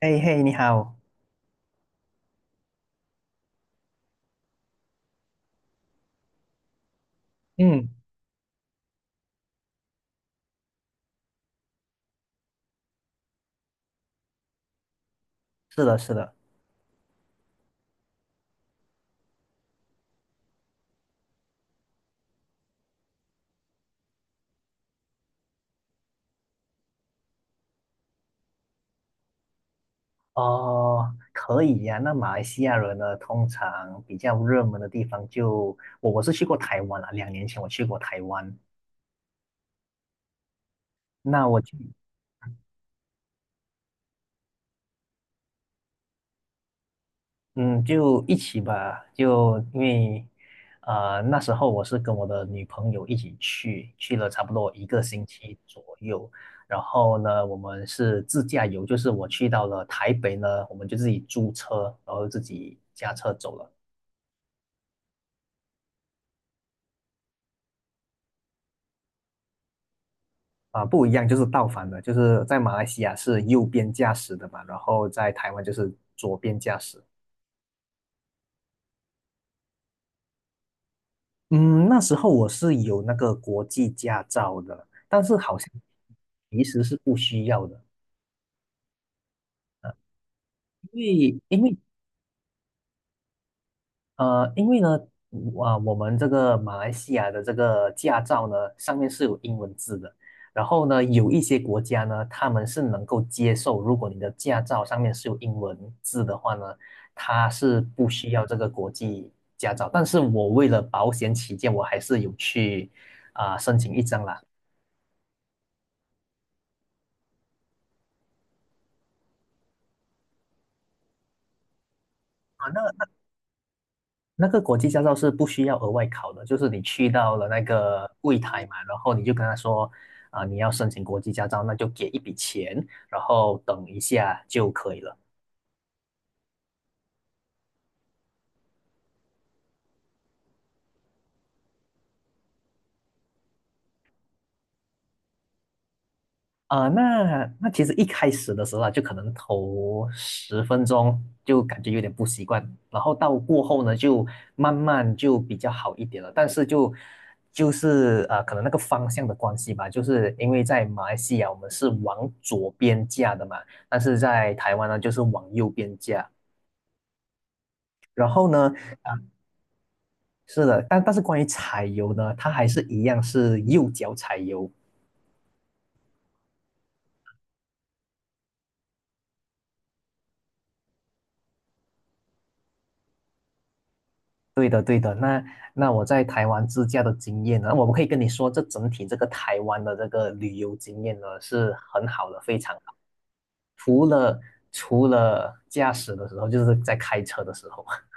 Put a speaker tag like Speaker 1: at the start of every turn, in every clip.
Speaker 1: 嘿嘿，你好。嗯，是的，是的。哦，可以呀、那马来西亚人呢，通常比较热门的地方就我是去过台湾了。2年前我去过台湾。那我去，嗯，就一起吧，就因为，那时候我是跟我的女朋友一起去，去了差不多1个星期左右。然后呢，我们是自驾游，就是我去到了台北呢，我们就自己租车，然后自己驾车走了。啊，不一样，就是倒反的，就是在马来西亚是右边驾驶的嘛，然后在台湾就是左边驾驶。嗯，那时候我是有那个国际驾照的，但是好像其实是不需要的。因因为因为呢，我们这个马来西亚的这个驾照呢，上面是有英文字的。然后呢，有一些国家呢，他们是能够接受，如果你的驾照上面是有英文字的话呢，它是不需要这个国际驾照。但是我为了保险起见，我还是有去申请一张啦。啊，那那个国际驾照是不需要额外考的，就是你去到了那个柜台嘛，然后你就跟他说，你要申请国际驾照，那就给一笔钱，然后等一下就可以了。那其实一开始的时候啊，就可能头10分钟就感觉有点不习惯，然后到过后呢，就慢慢就比较好一点了。但是就是可能那个方向的关系吧，就是因为在马来西亚我们是往左边架的嘛，但是在台湾呢就是往右边架。然后呢，是的，但是关于踩油呢，它还是一样是右脚踩油。对。那我在台湾自驾的经验呢，我可以跟你说，这整体这个台湾的这个旅游经验呢是很好的，非常好。除了除了驾驶的时候，就是在开车的时候。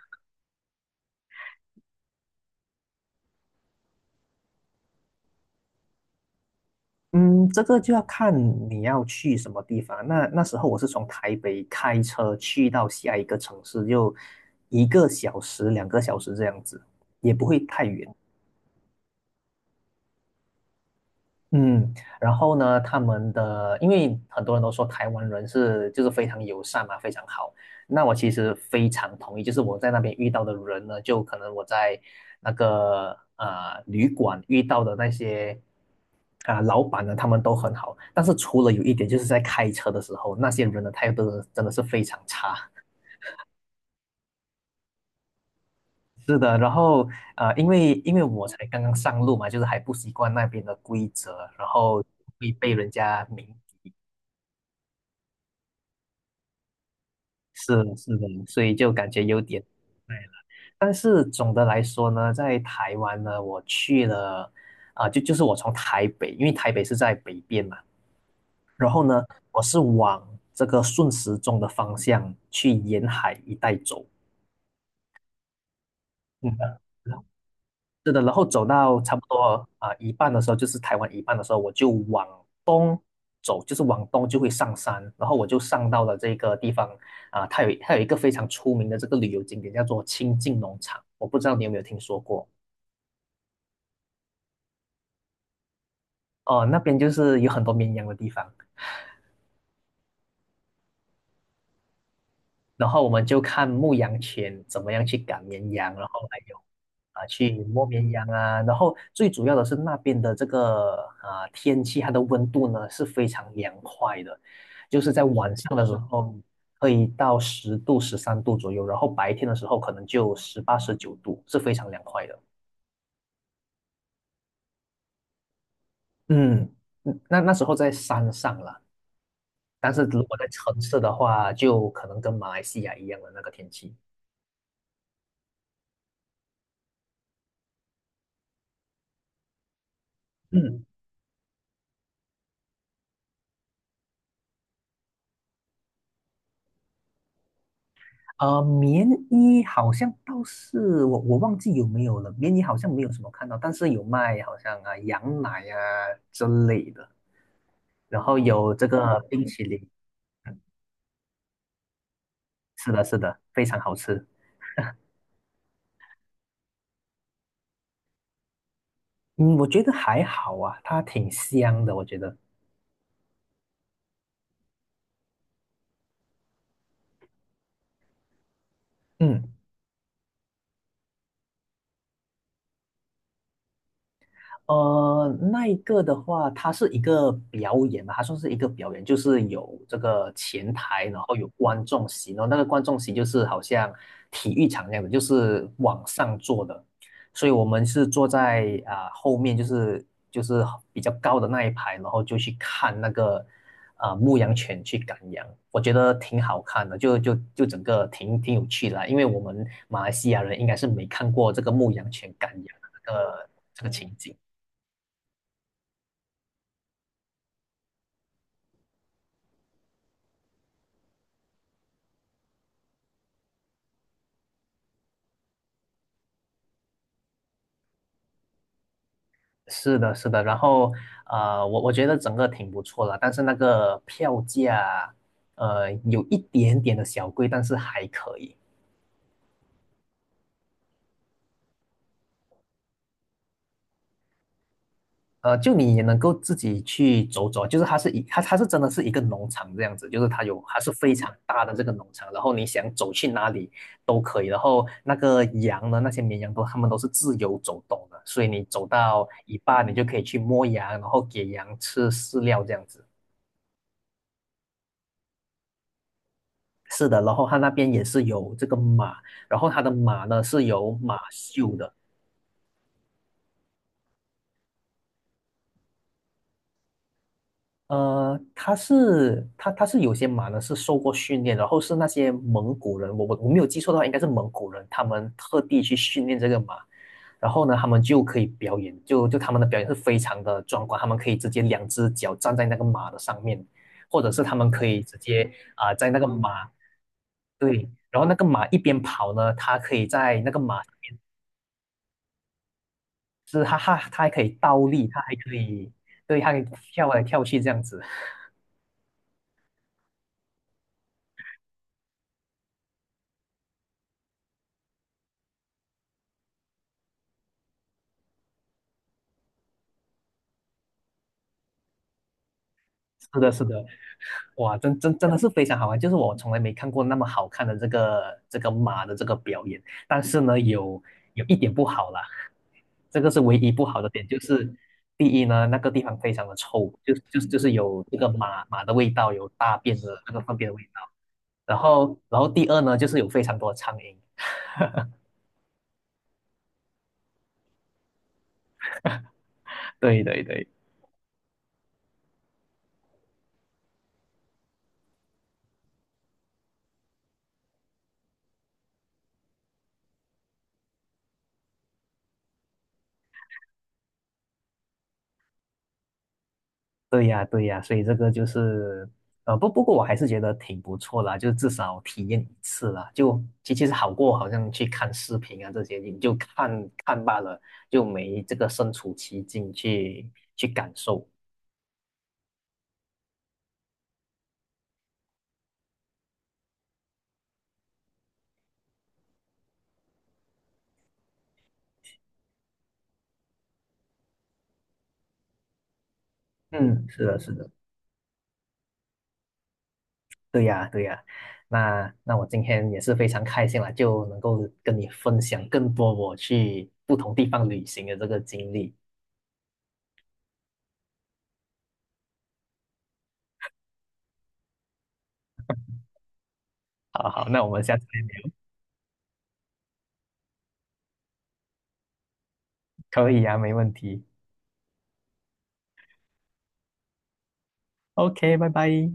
Speaker 1: 嗯，这个就要看你要去什么地方。那时候我是从台北开车去到下一个城市，就1个小时、2个小时这样子，也不会太远。嗯，然后呢，他们的，因为很多人都说台湾人是就是非常友善嘛，非常好。那我其实非常同意，就是我在那边遇到的人呢，就可能我在那个旅馆遇到的那些老板呢，他们都很好。但是除了有一点，就是在开车的时候，那些人的态度真的是非常差。是的，然后因为我才刚刚上路嘛，就是还不习惯那边的规则，然后会被人家明。是的是的，所以就感觉有点。累了。但是总的来说呢，在台湾呢，我去了就是我从台北，因为台北是在北边嘛，然后呢，我是往这个顺时钟的方向去沿海一带走。嗯，是的，然后走到差不多一半的时候，就是台湾一半的时候，我就往东走，就是往东就会上山，然后我就上到了这个地方它有一个非常出名的这个旅游景点，叫做清境农场，我不知道你有没有听说过。哦、那边就是有很多绵羊的地方。然后我们就看牧羊犬怎么样去赶绵羊，然后还有去摸绵羊啊，然后最主要的是那边的这个天气，它的温度呢是非常凉快的，就是在晚上的时候可以到10度、13度左右，然后白天的时候可能就18、19度，是非常凉快的。嗯，那时候在山上了，但是如果在城市的话，就可能跟马来西亚一样的那个天气。嗯。棉衣好像倒是我忘记有没有了，棉衣好像没有什么看到，但是有卖好像羊奶啊之类的，然后有这个冰淇淋，是的，是的，非常好吃。嗯，我觉得还好啊，它挺香的，我觉得。嗯那一个的话，它是一个表演嘛，它算是一个表演，就是有这个前台，然后有观众席，然后那个观众席就是好像体育场那样的，就是往上坐的，所以我们是坐在后面，就是比较高的那一排，然后就去看那个牧羊犬去赶羊，我觉得挺好看的，就整个挺有趣的啦。因为我们马来西亚人应该是没看过这个牧羊犬赶羊的这个情景。是的，是的，然后我觉得整个挺不错的，但是那个票价，有一点点的小贵，但是还可以。就你也能够自己去走走，就是它真的是一个农场这样子，就是它有还是非常大的这个农场，然后你想走去哪里都可以，然后那个羊呢，那些绵羊都它们都是自由走动的，所以你走到一半你就可以去摸羊，然后给羊吃饲料这样子。是的，然后他那边也是有这个马，然后他的马呢是有马厩的。他是他他是有些马呢是受过训练，然后是那些蒙古人，我没有记错的话，应该是蒙古人，他们特地去训练这个马，然后呢，他们就可以表演，就他们的表演是非常的壮观，他们可以直接两只脚站在那个马的上面，或者是他们可以直接在那个马。对。然后那个马一边跑呢，它可以在那个马。是，哈哈，它还可以倒立，它还可以，对，它可以跳来跳去这样子。是的，是的，哇，真的是非常好玩，就是我从来没看过那么好看的这个马的这个表演。但是呢，有一点不好啦，这个是唯一不好的点，就是第一呢，那个地方非常的臭，就是有这个马的味道，有大便的那个粪便的味道。然后第二呢，就是有非常多的苍蝇。对对对。对呀，对呀，所以这个就是，不过我还是觉得挺不错啦，就至少体验一次啦，就其实好过好像去看视频啊这些，你就看看罢了，就没这个身处其境去感受。嗯，是的，是的。对呀，对呀，那我今天也是非常开心啦，就能够跟你分享更多我去不同地方旅行的这个经历。好好，那我们下次再聊。可以呀，没问题。OK，拜拜。